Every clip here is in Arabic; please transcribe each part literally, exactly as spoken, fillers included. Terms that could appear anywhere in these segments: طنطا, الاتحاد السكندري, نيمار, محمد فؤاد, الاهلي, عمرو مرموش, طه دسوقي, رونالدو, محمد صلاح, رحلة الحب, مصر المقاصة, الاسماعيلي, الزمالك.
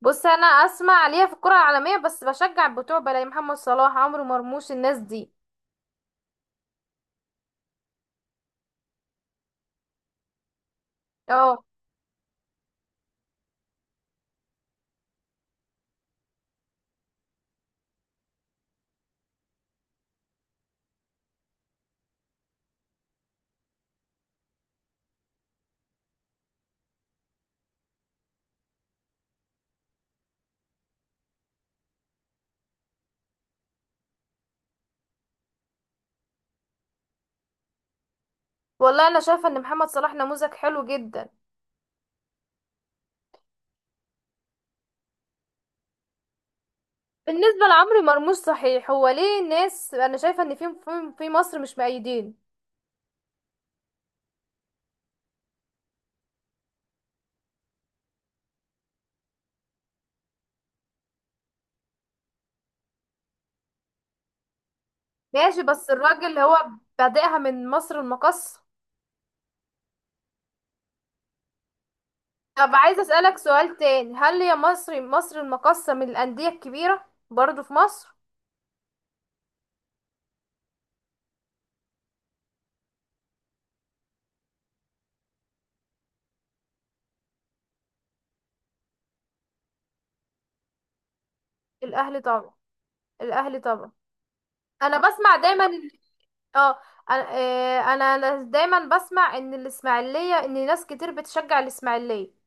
بص، انا اسمع عليها في الكرة العالمية بس بشجع بتوع بلاي محمد صلاح، عمرو مرموش، الناس دي. اه، والله انا شايفة ان محمد صلاح نموذج حلو جدا. بالنسبة لعمرو مرموش، صحيح هو ليه ناس، انا شايفة ان في في في مصر مش مؤيدين. ماشي، بس الراجل هو بادئها من مصر المقاصة. طب عايزة اسألك سؤال تاني، هل هي مصر مصر المقاصة من الأندية الكبيرة برضو في مصر؟ الاهلي طبعا. الاهلي طبعا. انا بسمع دايما اه انا آه، انا أنا دايما بسمع ان الاسماعيليه، ان ناس كتير بتشجع الاسماعيليه.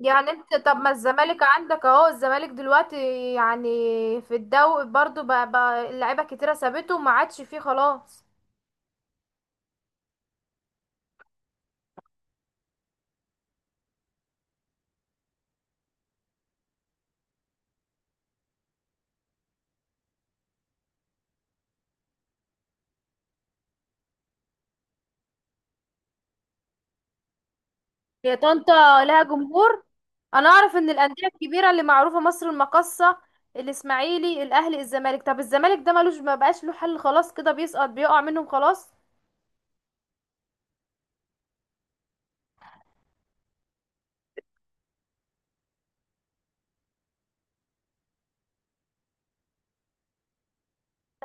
يعني انت، طب ما الزمالك عندك اهو، الزمالك دلوقتي يعني في الدوري برضو بقى, بقى اللعيبه كتيره سابته وما عادش فيه خلاص. هي طنطا لها جمهور. انا اعرف ان الانديه الكبيره اللي معروفه مصر المقاصه، الاسماعيلي، الاهلي، الزمالك. طب الزمالك ده ملوش، ما بقاش له حل، خلاص كده بيسقط بيقع منهم خلاص.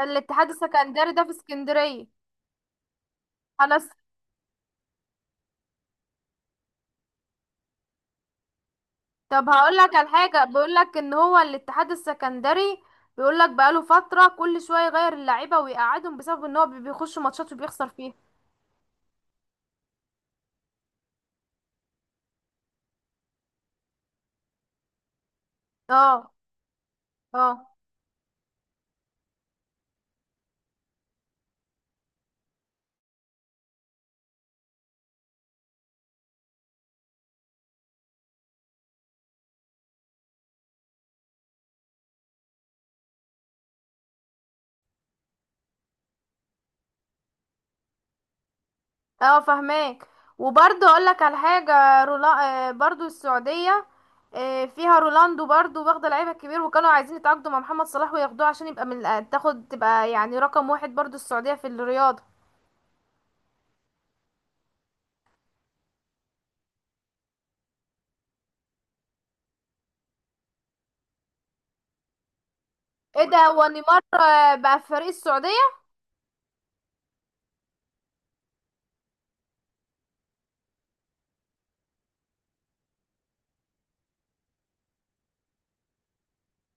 الاتحاد السكندري ده في اسكندريه. انا، طب هقول لك على حاجه، بيقول لك ان هو الاتحاد السكندري بيقول لك بقاله فتره كل شويه يغير اللعيبه ويقعدهم بسبب ان هو بي- بيخش ماتشات وبيخسر فيها. اه، اه، اه، فهماك. وبرضه اقول لك على حاجه، رولا. آه، برضه السعوديه، آه، فيها رونالدو برضه واخده لعيبه كبير، وكانوا عايزين يتعاقدوا مع محمد صلاح وياخدوه عشان يبقى من الأ- تاخد تبقى يعني رقم واحد، برضه السعوديه في الرياضه. ايه ده؟ هو نيمار آه، بقى في فريق السعوديه؟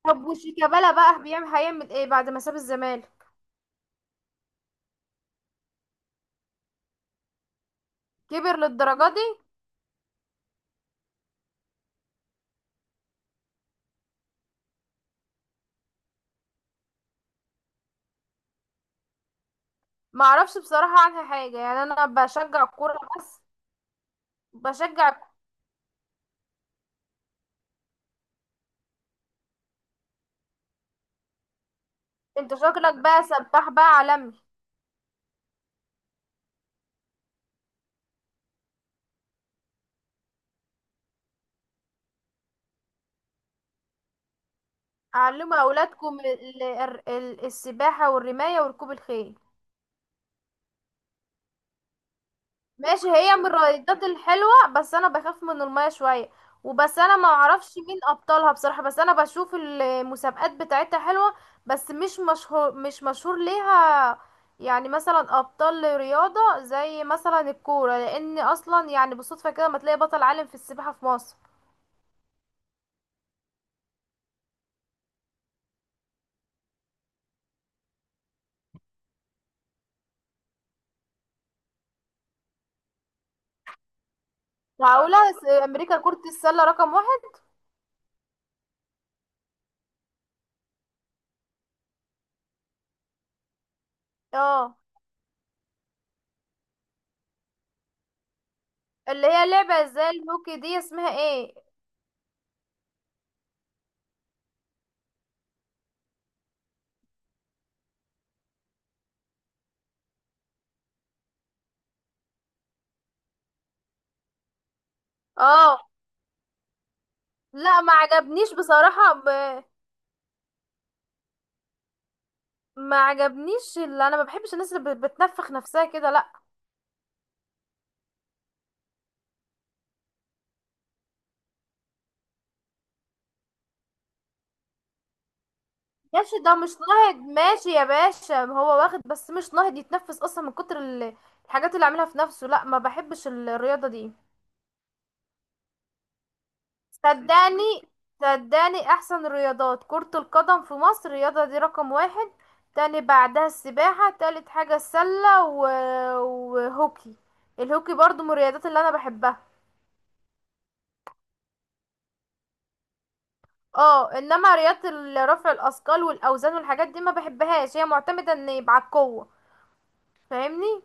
طب وشيكابالا بقى بيعمل هيعمل ايه بعد ما ساب الزمالك؟ كبر للدرجة دي؟ ما اعرفش بصراحة عنها حاجة، يعني انا بشجع الكورة بس بشجع. انت شكلك بقى سباح بقى عالمي. علموا اولادكم ال... ال... السباحة والرماية وركوب الخيل. ماشي، هي من الرايدات الحلوة بس انا بخاف من المية شوية، وبس انا ما اعرفش مين ابطالها بصراحة، بس انا بشوف المسابقات بتاعتها حلوة. بس مش مشهور، مش مشهور ليها. يعني مثلا ابطال رياضة زي مثلا الكورة، لان اصلا يعني بالصدفة كده ما تلاقي بطل عالم في السباحة في مصر. معقولة؟ س- امريكا كرة السلة رقم واحد؟ اه، اللي هي لعبة زي الهوكي دي اسمها ايه؟ اه، لا، ما عجبنيش بصراحة ب... ما عجبنيش، اللي انا ما بحبش الناس اللي بت- بتنفخ نفسها كده، لا. ماشي ده مش ناهض، ماشي يا باشا، ما هو واخد بس مش ناهض يتنفس اصلا من كتر ال- الحاجات اللي عاملها في نفسه، لا ما بحبش ال- الرياضة دي. صدقني، صدقني، احسن الرياضات كرة القدم في مصر، الرياضة دي رقم واحد. تاني بعدها السباحة، تالت حاجة السلة و... وهوكي. الهوكي برضو من الرياضات اللي انا بحبها. اه، انما رياضة ال- رفع الاثقال والاوزان والحاجات دي ما بحبهاش، هي معتمدة ان يبقى على القوة. فاهمني؟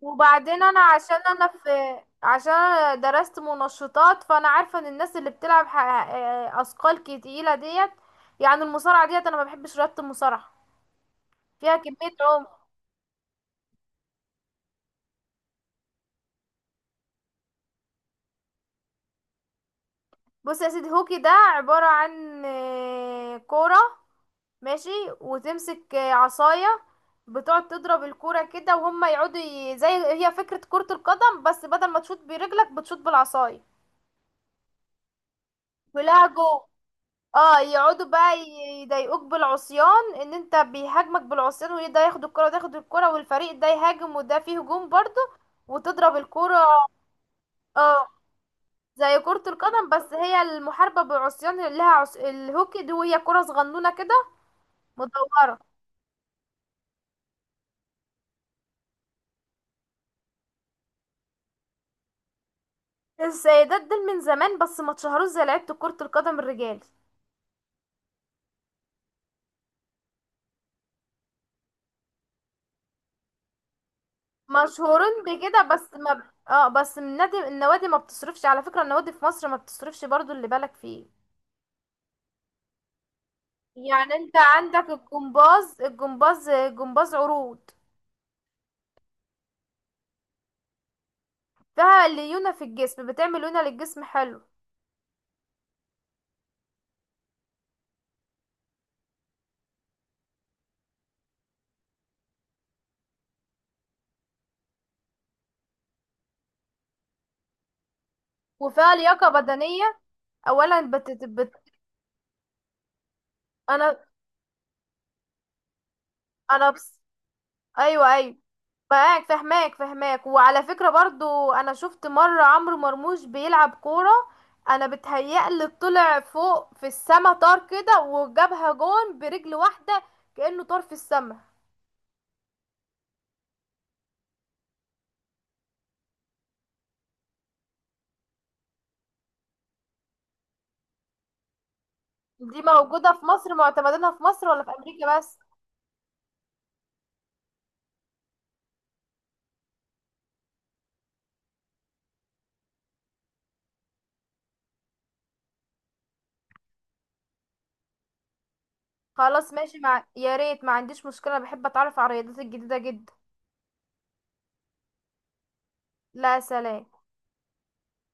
وبعدين انا عشان انا في عشان انا درست منشطات، فانا عارفة ان الناس اللي بتلعب ح- آه، اثقال تقيلة ديت، يعني المصارعة ديت، انا ما بحبش رياضة المصارعة. فيها كمية عمق. بص يا سيدي، هوكي ده عبارة عن آه، كورة، ماشي، وتمسك آه، عصاية، بتقعد تضرب الكورة كده وهما يقعدوا ي... زي، هي فكرة كرة القدم بس بدل ما تشوط برجلك بتشوط بالعصاية. بلهجه. اه، يقعدوا بقى ي- يضايقوك بالعصيان، ان انت بيهاجمك بالعصيان وده ياخد الكرة وده ياخد الكرة، والفريق ده يهاجم وده فيه هجوم برضه. وتضرب الكرة. اه، زي كرة القدم بس هي المحاربة بالعصيان اللي لها عص... الهوكي دي، وهي كرة صغنونة كده مدورة. السيدات دول من زمان بس ما اتشهروش زي لعيبة كرة القدم الرجال. مشهورين بكده، بس ما ب... اه بس من نادي، النوادي ما بتصرفش على فكرة، النوادي في مصر ما بتصرفش برضو اللي بالك فيه. يعني انت عندك الجمباز الجمباز، جمباز عروض. فيها ليونة في الجسم، بتعمل ليونة للجسم، حلو. وفيها لياقة بدنية. اولا بت... بت... انا انا بس... ايوه، ايوه، معاك، فهماك، فهماك. وعلى فكرة برضو انا شفت مرة عمرو مرموش بيلعب كورة، انا بتهيألي طلع فوق في السما، طار كده وجابها جون برجل واحدة، كأنه طار في السما. دي موجودة في مصر؟ معتمدينها في مصر ولا في امريكا بس؟ خلاص ماشي، مع يا ريت ما عنديش مشكلة، بحب اتعرف على الرياضات الجديدة جدا. لا، سلام.